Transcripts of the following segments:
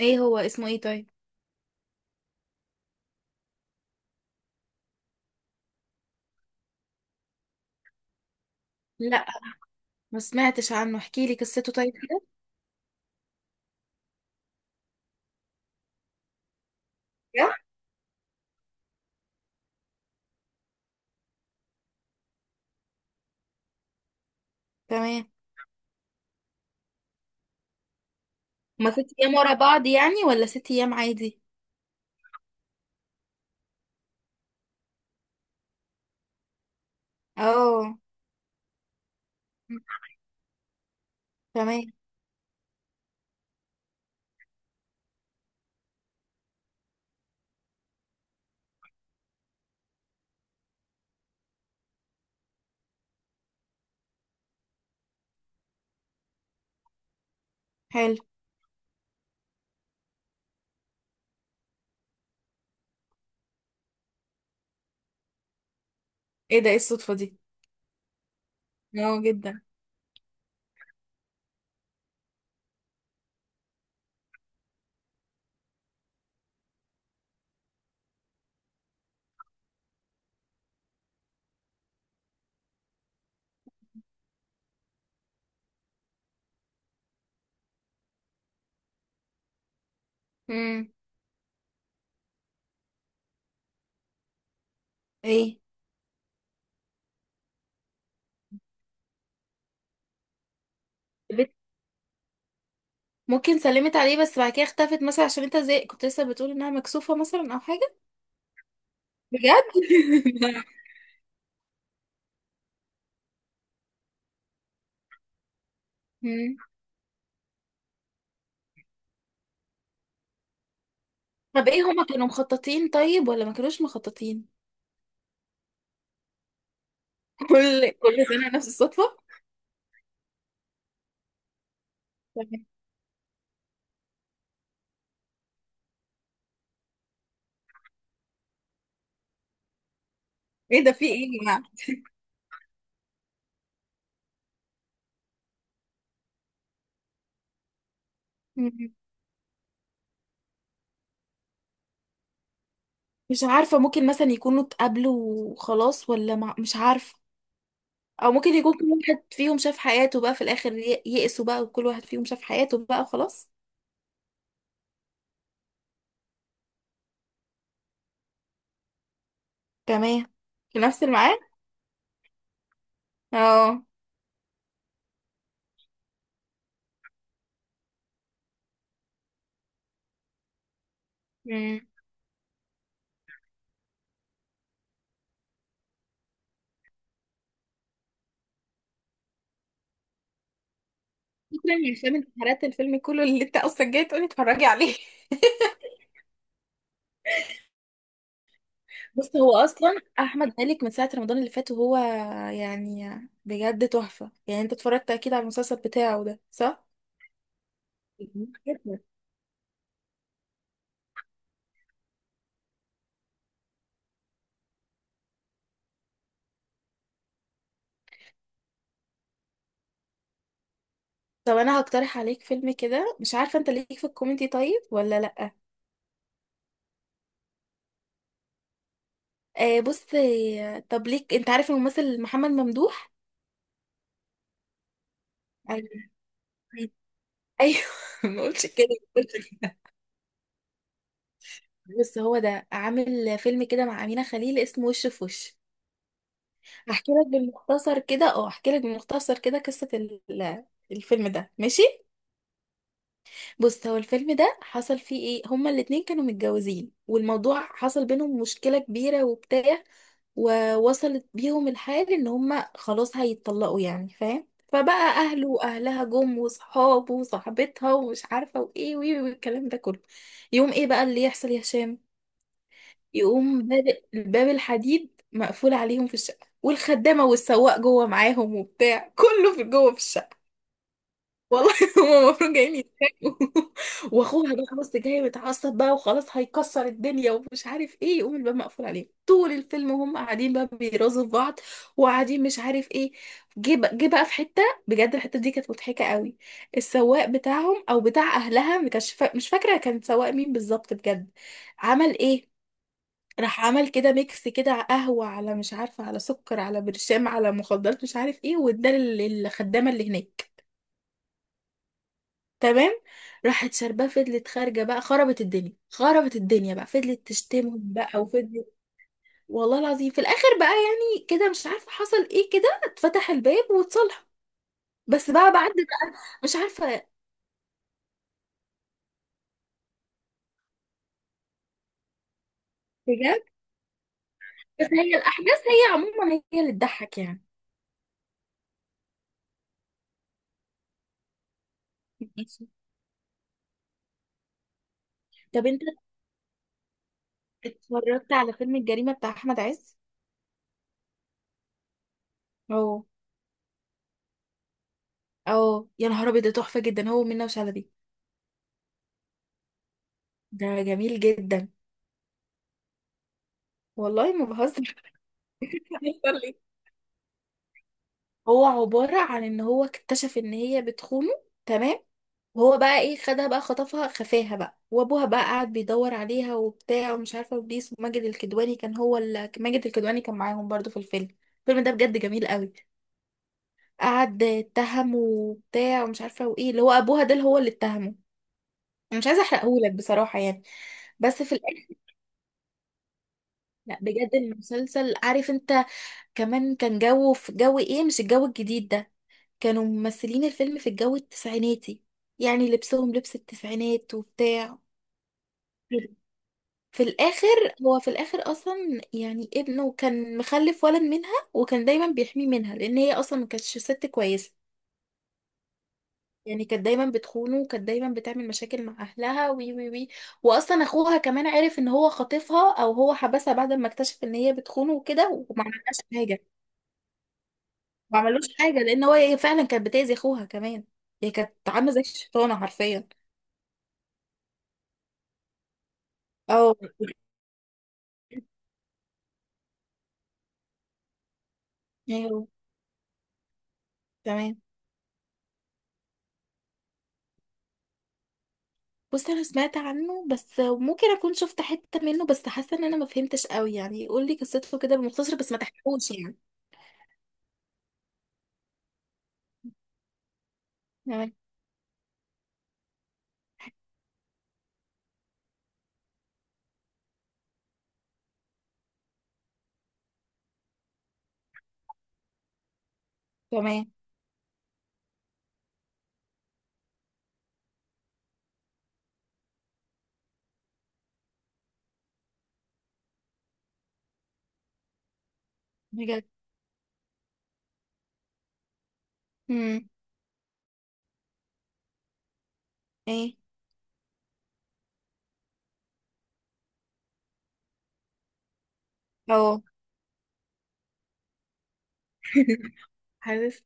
ايه هو اسمه ايه طيب. لا، ما سمعتش عنه، احكي لي قصته طيب كده. بجد؟ تمام. هما ست ايام ورا بعض يعني ولا ست ايام عادي. اه تمام. حلو. ايه ده، ايه الصدفة دي. اه جدا. امم. ايه. بت- ممكن سلمت عليه بس بعد كده اختفت مثلا، عشان انت زي كنت لسه بتقول انها مكسوفة مثلا او حاجة. بجد. مم. طب ايه، هما كانوا مخططين طيب ولا ما كانوش مخططين. كل سنة نفس الصدفة. تمام. ايه ده، في ايه يا جماعة. مش عارفة، ممكن مثلا يكونوا اتقابلوا وخلاص، ولا مع، مش عارفة. او ممكن يكون كل واحد فيهم شاف حياته بقى في الاخر، يئسوا بقى، وكل واحد فيهم شاف حياته بقى وخلاص. تمام. في نفس الميعاد. اه. امم. فكرة من افلام انتحارات الفيلم كله اللي انت اصلا جاي تقولي اتفرجي عليه. بص، هو اصلا احمد مالك من ساعة رمضان اللي فات وهو يعني بجد تحفة، يعني انت اتفرجت اكيد على المسلسل بتاعه ده صح؟ جميل جدا. طب انا هقترح عليك فيلم كده، مش عارفة انت ليك في الكوميدي طيب ولا لا. بص، طب ليك، انت عارف الممثل محمد ممدوح. ايوه. أيوة. ايوه. ما قلتش كده. قلت كده. بص، هو ده عامل فيلم كده مع أمينة خليل اسمه وش في وش. هحكي لك بالمختصر كده، اه هحكي لك بالمختصر كده قصة الفيلم ده، ماشي. بص، هو الفيلم ده حصل فيه ايه، هما الاتنين كانوا متجوزين والموضوع حصل بينهم مشكلة كبيرة وبتاع، ووصلت بيهم الحال ان هما خلاص هيتطلقوا يعني، فاهم؟ فبقى اهله واهلها جم، وصحابه وصاحبتها ومش عارفه وايه وايه والكلام ده كله. يقوم ايه بقى اللي يحصل يا هشام؟ يقوم باب، الباب الحديد مقفول عليهم في الشقه، والخدامه والسواق جوه معاهم وبتاع، كله في جوه في الشقه. والله. هما المفروض جايين يتخانقوا. واخوها بقى، بص، جاي متعصب بقى وخلاص هيكسر الدنيا ومش عارف ايه، يقوم الباب مقفول عليه طول الفيلم، وهم قاعدين بقى بيرازوا في بعض وقاعدين مش عارف ايه. جه بقى، جه بقى في حته، بجد الحته دي كانت مضحكه قوي. السواق بتاعهم او بتاع اهلها، ما كانش مش فاكره كان سواق مين بالظبط، بجد عمل ايه؟ راح عمل كده ميكس كده، على قهوه، على مش عارفه، على سكر، على برشام، على مخدرات مش عارف ايه، واداه للخدامه اللي هناك. تمام. راحت شاربة، فضلت خارجة بقى، خربت الدنيا، خربت الدنيا بقى، فضلت تشتمهم بقى وفضلت. والله العظيم في الآخر بقى يعني كده مش عارفة حصل ايه، كده اتفتح الباب واتصالحوا. بس بقى، بعد بقى، مش عارفة بجد. بس هي الأحداث هي عموما هي اللي تضحك يعني. ماشي. طب انت اتفرجت على فيلم الجريمة بتاع أحمد عز؟ اه. اه يا نهار أبيض، ده تحفة جدا هو ومنة وشلبي. ده جميل جدا. والله ما بهزر. هو عبارة عن ان هو اكتشف ان هي بتخونه. تمام. وهو بقى ايه، خدها بقى، خطفها، خفاها بقى، وابوها بقى قاعد بيدور عليها وبتاع ومش عارفة، وبليس وماجد الكدواني كان هو ماجد الكدواني كان معاهم برضو في الفيلم. الفيلم ده بجد جميل قوي. قعد اتهمه وبتاع ومش عارفة وايه، اللي هو ابوها ده اللي هو اللي اتهمه. أنا مش عايزة احرقهولك بصراحة يعني. بس في الاخر، لا بجد، المسلسل عارف انت، كمان كان جو، في جو ايه، مش الجو الجديد ده، كانوا ممثلين الفيلم في الجو التسعيناتي، يعني لبسهم لبس التسعينات وبتاع كده. في الاخر، هو في الاخر اصلا يعني ابنه كان مخلف ولد منها، وكان دايما بيحميه منها لان هي اصلا ما كانتش ست كويسه. يعني كانت دايما بتخونه، وكانت دايما بتعمل مشاكل مع اهلها، وي وي وي. واصلا اخوها كمان عرف ان هو خاطفها او هو حبسها بعد ما اكتشف ان هي بتخونه وكده وما عملهاش حاجه. ما عملوش حاجه لان هو هي فعلا كانت بتاذي اخوها كمان. هي كانت عامله زي الشيطانه حرفيا. اه. ايوه. تمام. بص، انا سمعت عنه بس ممكن اكون شفت حته منه، بس حاسه ان انا ما فهمتش قوي، يعني قول لي قصته كده بالمختصر بس ما تحكوش يعني. تمام. تمام. بجد. امم. ايه. اه. عارف،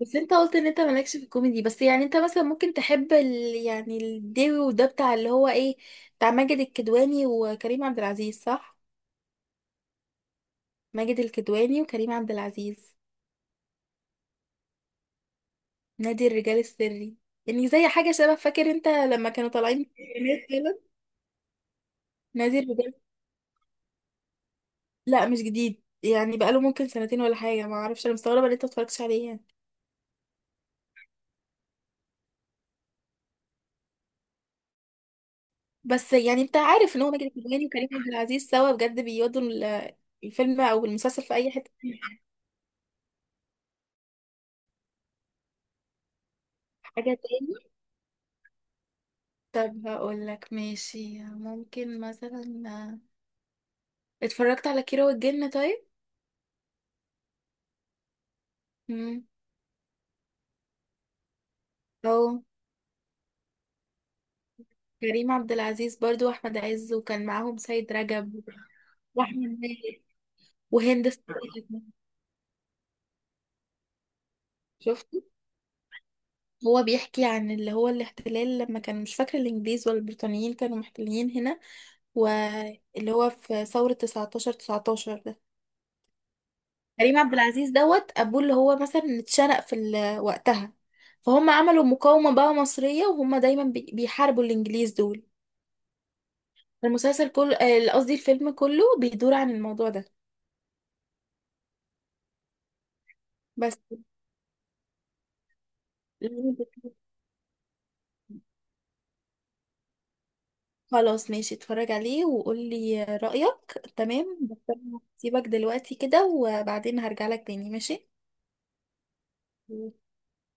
بس انت قلت ان انت مالكش في الكوميدي، بس يعني انت مثلا ممكن تحب يعني الديوي وده بتاع اللي هو ايه، بتاع ماجد الكدواني وكريم عبد العزيز، صح؟ ماجد الكدواني وكريم عبد العزيز. نادي الرجال السري، يعني زي حاجه شبه، فاكر انت لما كانوا طالعين، نادي الرجال. لا مش جديد يعني، بقاله ممكن سنتين ولا حاجه، ما اعرفش، انا مستغربه ان انت متفرجتش عليه يعني. بس يعني انت عارف ان هو ماجد الكدواني وكريم عبد العزيز سوا، بجد بيودوا الفيلم او المسلسل في اي حته. حاجه تاني. طب هقول لك ماشي، ممكن مثلا، اتفرجت على كيرة والجن طيب؟ امم. او. كريم عبد العزيز برضو واحمد عز، وكان معاهم سيد رجب، واحمد مالك وهند صبري. شفت. هو بيحكي عن اللي هو الاحتلال لما كان مش فاكرة الإنجليز ولا البريطانيين كانوا محتلين هنا، واللي هو في ثورة 1919 ده. كريم عبد العزيز دوت أبوه اللي هو مثلا اتشنق في وقتها، فهم عملوا مقاومة بقى مصرية، وهم دايما بيحاربوا الإنجليز دول. المسلسل كله، قصدي الفيلم كله بيدور عن الموضوع ده. بس خلاص ماشي، اتفرج عليه وقولي رأيك، تمام؟ بس أنا هسيبك دلوقتي كده وبعدين هرجع لك تاني، ماشي.